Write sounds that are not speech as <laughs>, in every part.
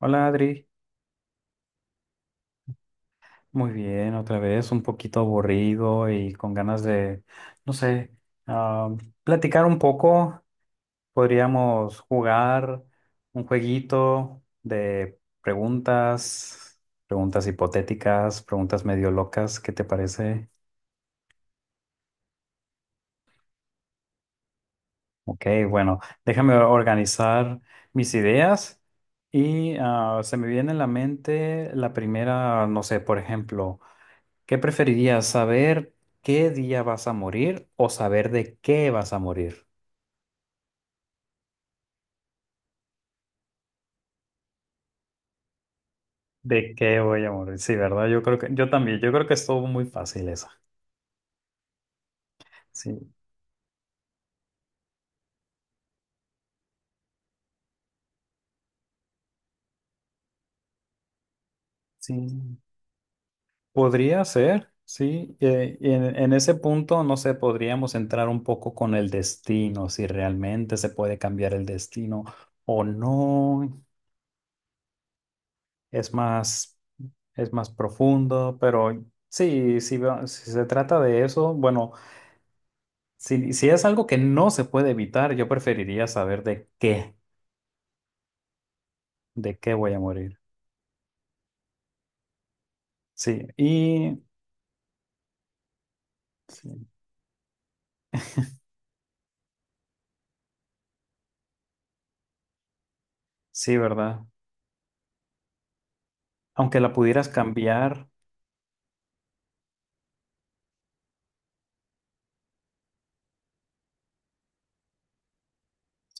Hola Adri, muy bien, otra vez un poquito aburrido y con ganas de, no sé, ah, platicar un poco. Podríamos jugar un jueguito de preguntas, preguntas hipotéticas, preguntas medio locas, ¿qué te parece? Ok, bueno, déjame organizar mis ideas y se me viene a la mente la primera, no sé, por ejemplo. ¿Qué preferirías, saber qué día vas a morir o saber de qué vas a morir? ¿De qué voy a morir? Sí, ¿verdad? Yo creo que, yo también, yo creo que estuvo muy fácil esa. Sí, sí. Podría ser, sí. Y en ese punto, no sé, podríamos entrar un poco con el destino, si realmente se puede cambiar el destino o no. Es más, es más profundo, pero sí, si, si se trata de eso, bueno. Si, si es algo que no se puede evitar, yo preferiría saber de qué voy a morir. Sí, y sí, sí, ¿verdad? Aunque la pudieras cambiar,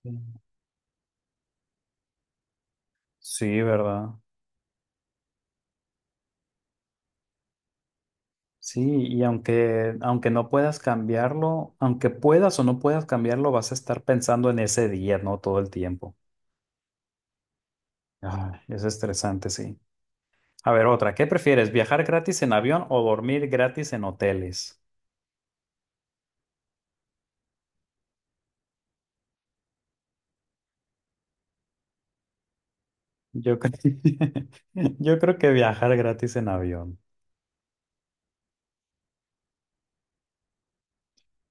sí, sí, ¿verdad? Sí, y aunque, aunque no puedas cambiarlo, aunque puedas o no puedas cambiarlo, vas a estar pensando en ese día, ¿no? Todo el tiempo. Ay, es estresante, sí. A ver, otra, ¿qué prefieres? ¿Viajar gratis en avión o dormir gratis en hoteles? Yo creo, <laughs> yo creo que viajar gratis en avión.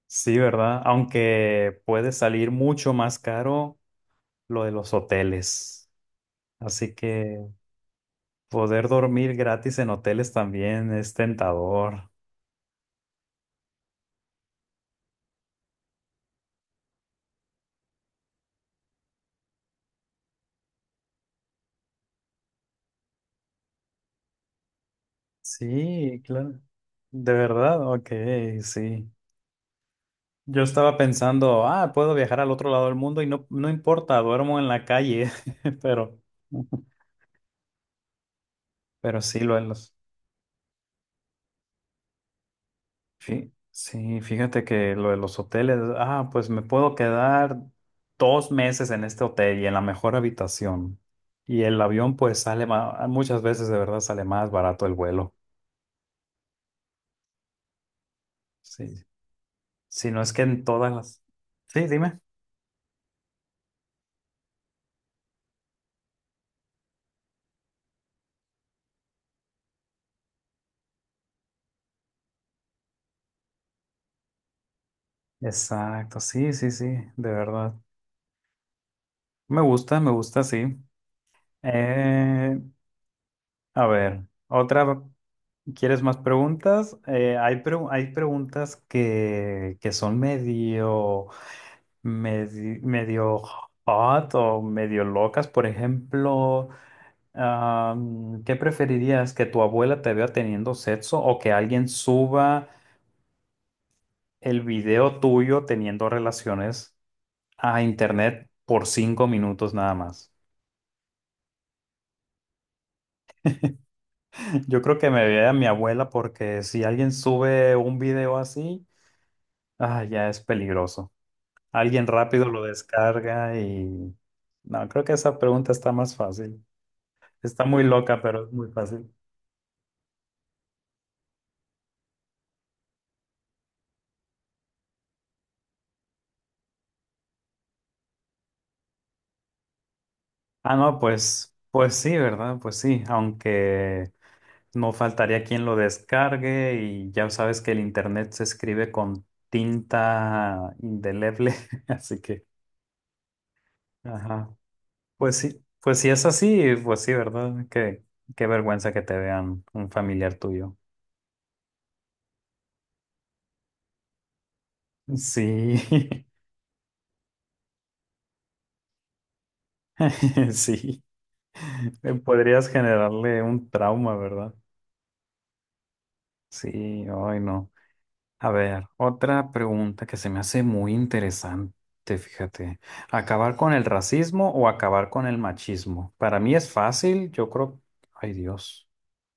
Sí, ¿verdad? Aunque puede salir mucho más caro lo de los hoteles. Así que poder dormir gratis en hoteles también es tentador. Sí, claro. De verdad, ok, sí. Yo estaba pensando, puedo viajar al otro lado del mundo y no, no importa, duermo en la calle, <laughs> pero, pero sí, lo es. Sí, sí, fíjate que lo de los hoteles, pues me puedo quedar 2 meses en este hotel y en la mejor habitación. Y el avión pues sale más, muchas veces de verdad sale más barato el vuelo. Sí. Si no es que en todas las... Sí, dime. Exacto, sí, sí, sí, de verdad. Me gusta, sí. Eh, a ver, otra, ¿quieres más preguntas? Hay, hay preguntas que son medio... medio hot o medio locas. Por ejemplo, ¿qué preferirías? ¿Que tu abuela te vea teniendo sexo o que alguien suba el video tuyo teniendo relaciones a internet por 5 minutos nada más? <laughs> Yo creo que me vea mi abuela porque si alguien sube un video así, ya es peligroso. Alguien rápido lo descarga y... No, creo que esa pregunta está más fácil. Está muy loca, pero es muy fácil. Ah, no, pues, pues sí, ¿verdad? Pues sí, aunque no faltaría quien lo descargue y ya sabes que el internet se escribe con tinta indeleble, <laughs> así que, ajá, pues sí es así, pues sí, ¿verdad? Qué, qué vergüenza que te vean un familiar tuyo. Sí, <laughs> sí, podrías generarle un trauma, ¿verdad? Sí, ay, no. A ver, otra pregunta que se me hace muy interesante, fíjate. ¿Acabar con el racismo o acabar con el machismo? Para mí es fácil, yo creo. Ay, Dios.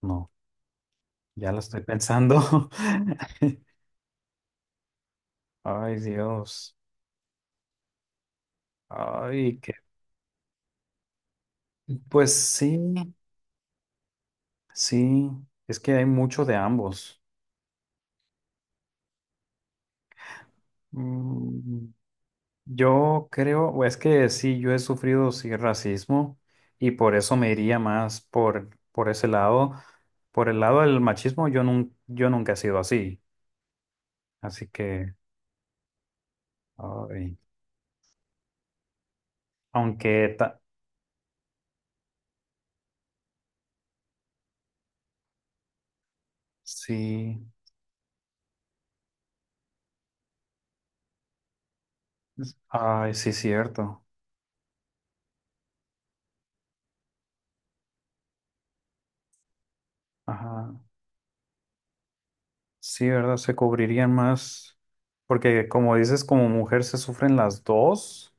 No, ya la estoy pensando. <laughs> Ay, Dios. Ay, qué. Pues sí, sí, es que hay mucho de ambos. Mm, yo creo, o es que sí, yo he sufrido sí racismo y por eso me iría más por ese lado. Por el lado del machismo, yo, yo nunca he sido así. Así que, ay, aunque ta- sí, ay, sí, cierto. Ajá. Sí, ¿verdad? Se cubrirían más. Porque como dices, como mujer se sufren las dos.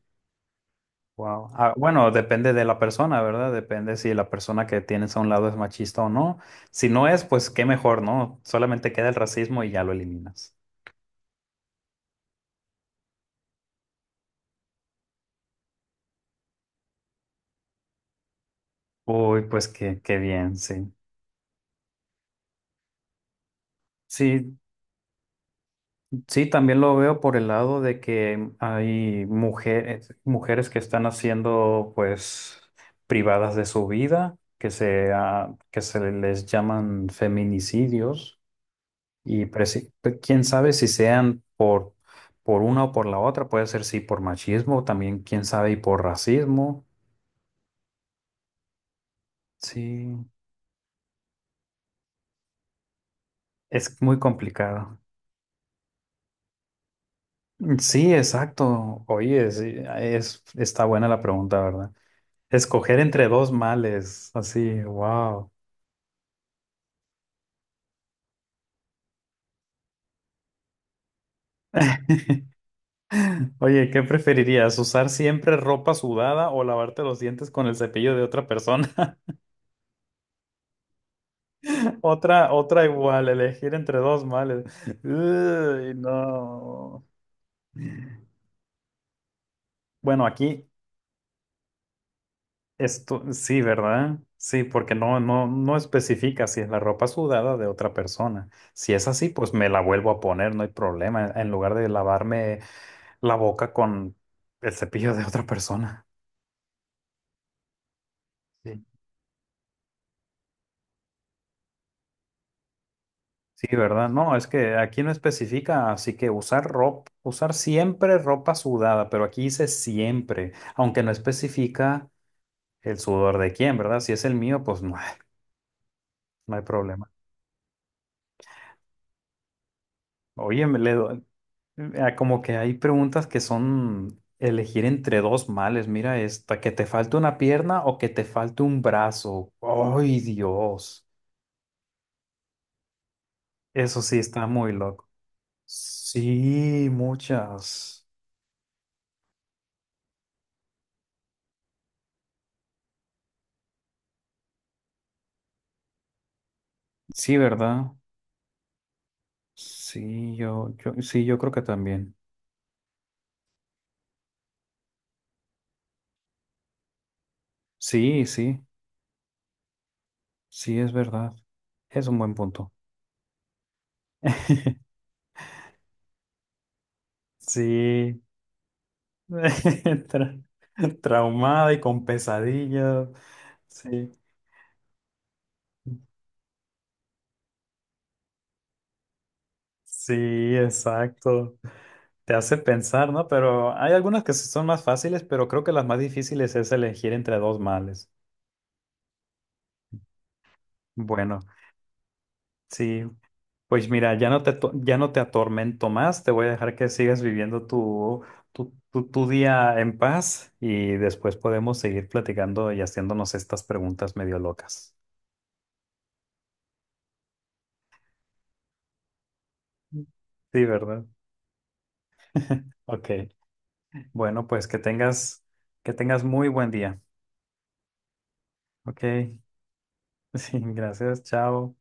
Wow. Ah, bueno, depende de la persona, ¿verdad? Depende si la persona que tienes a un lado es machista o no. Si no es, pues qué mejor, ¿no? Solamente queda el racismo y ya lo eliminas. Uy, pues qué, qué bien, sí. Sí, sí, también lo veo por el lado de que hay mujeres, mujeres que están haciendo, pues, privadas de su vida, que se, que se les llaman feminicidios. Y pero sí, quién sabe si sean por una o por la otra, puede ser sí por machismo, también quién sabe y por racismo. Sí, es muy complicado. Sí, exacto. Oye, sí, es, está buena la pregunta, ¿verdad? Escoger entre dos males, así, wow. Oye, ¿qué preferirías? ¿Usar siempre ropa sudada o lavarte los dientes con el cepillo de otra persona? <laughs> Otra, otra igual, elegir entre dos males. Uy, no. Bueno, aquí esto, sí, ¿verdad? Sí, porque no, no, no especifica si es la ropa sudada de otra persona. Si es así, pues me la vuelvo a poner, no hay problema, en lugar de lavarme la boca con el cepillo de otra persona. Sí. Sí, ¿verdad? No, es que aquí no especifica, así que usar ropa, usar siempre ropa sudada, pero aquí dice siempre, aunque no especifica el sudor de quién, ¿verdad? Si es el mío, pues no, no hay problema. Oye, me le doy. Ah, como que hay preguntas que son elegir entre dos males. Mira esta, que te falte una pierna o que te falte un brazo. ¡Ay, Dios! Eso sí está muy loco. Sí, muchas. Sí, ¿verdad? Sí, yo, sí, yo creo que también. Sí, sí, sí, es verdad. Es un buen punto. <laughs> Sí. <laughs> Tra- traumada y con pesadillas. Sí, sí, exacto. Te hace pensar, ¿no? Pero hay algunas que sí son más fáciles, pero creo que las más difíciles es elegir entre dos males. Bueno, sí. Pues mira, ya no te, ya no te atormento más, te voy a dejar que sigas viviendo tu, tu día en paz y después podemos seguir platicando y haciéndonos estas preguntas medio locas. Sí, ¿verdad? <laughs> Ok. Bueno, pues que tengas muy buen día. Ok. <laughs> Sí, gracias. Chao.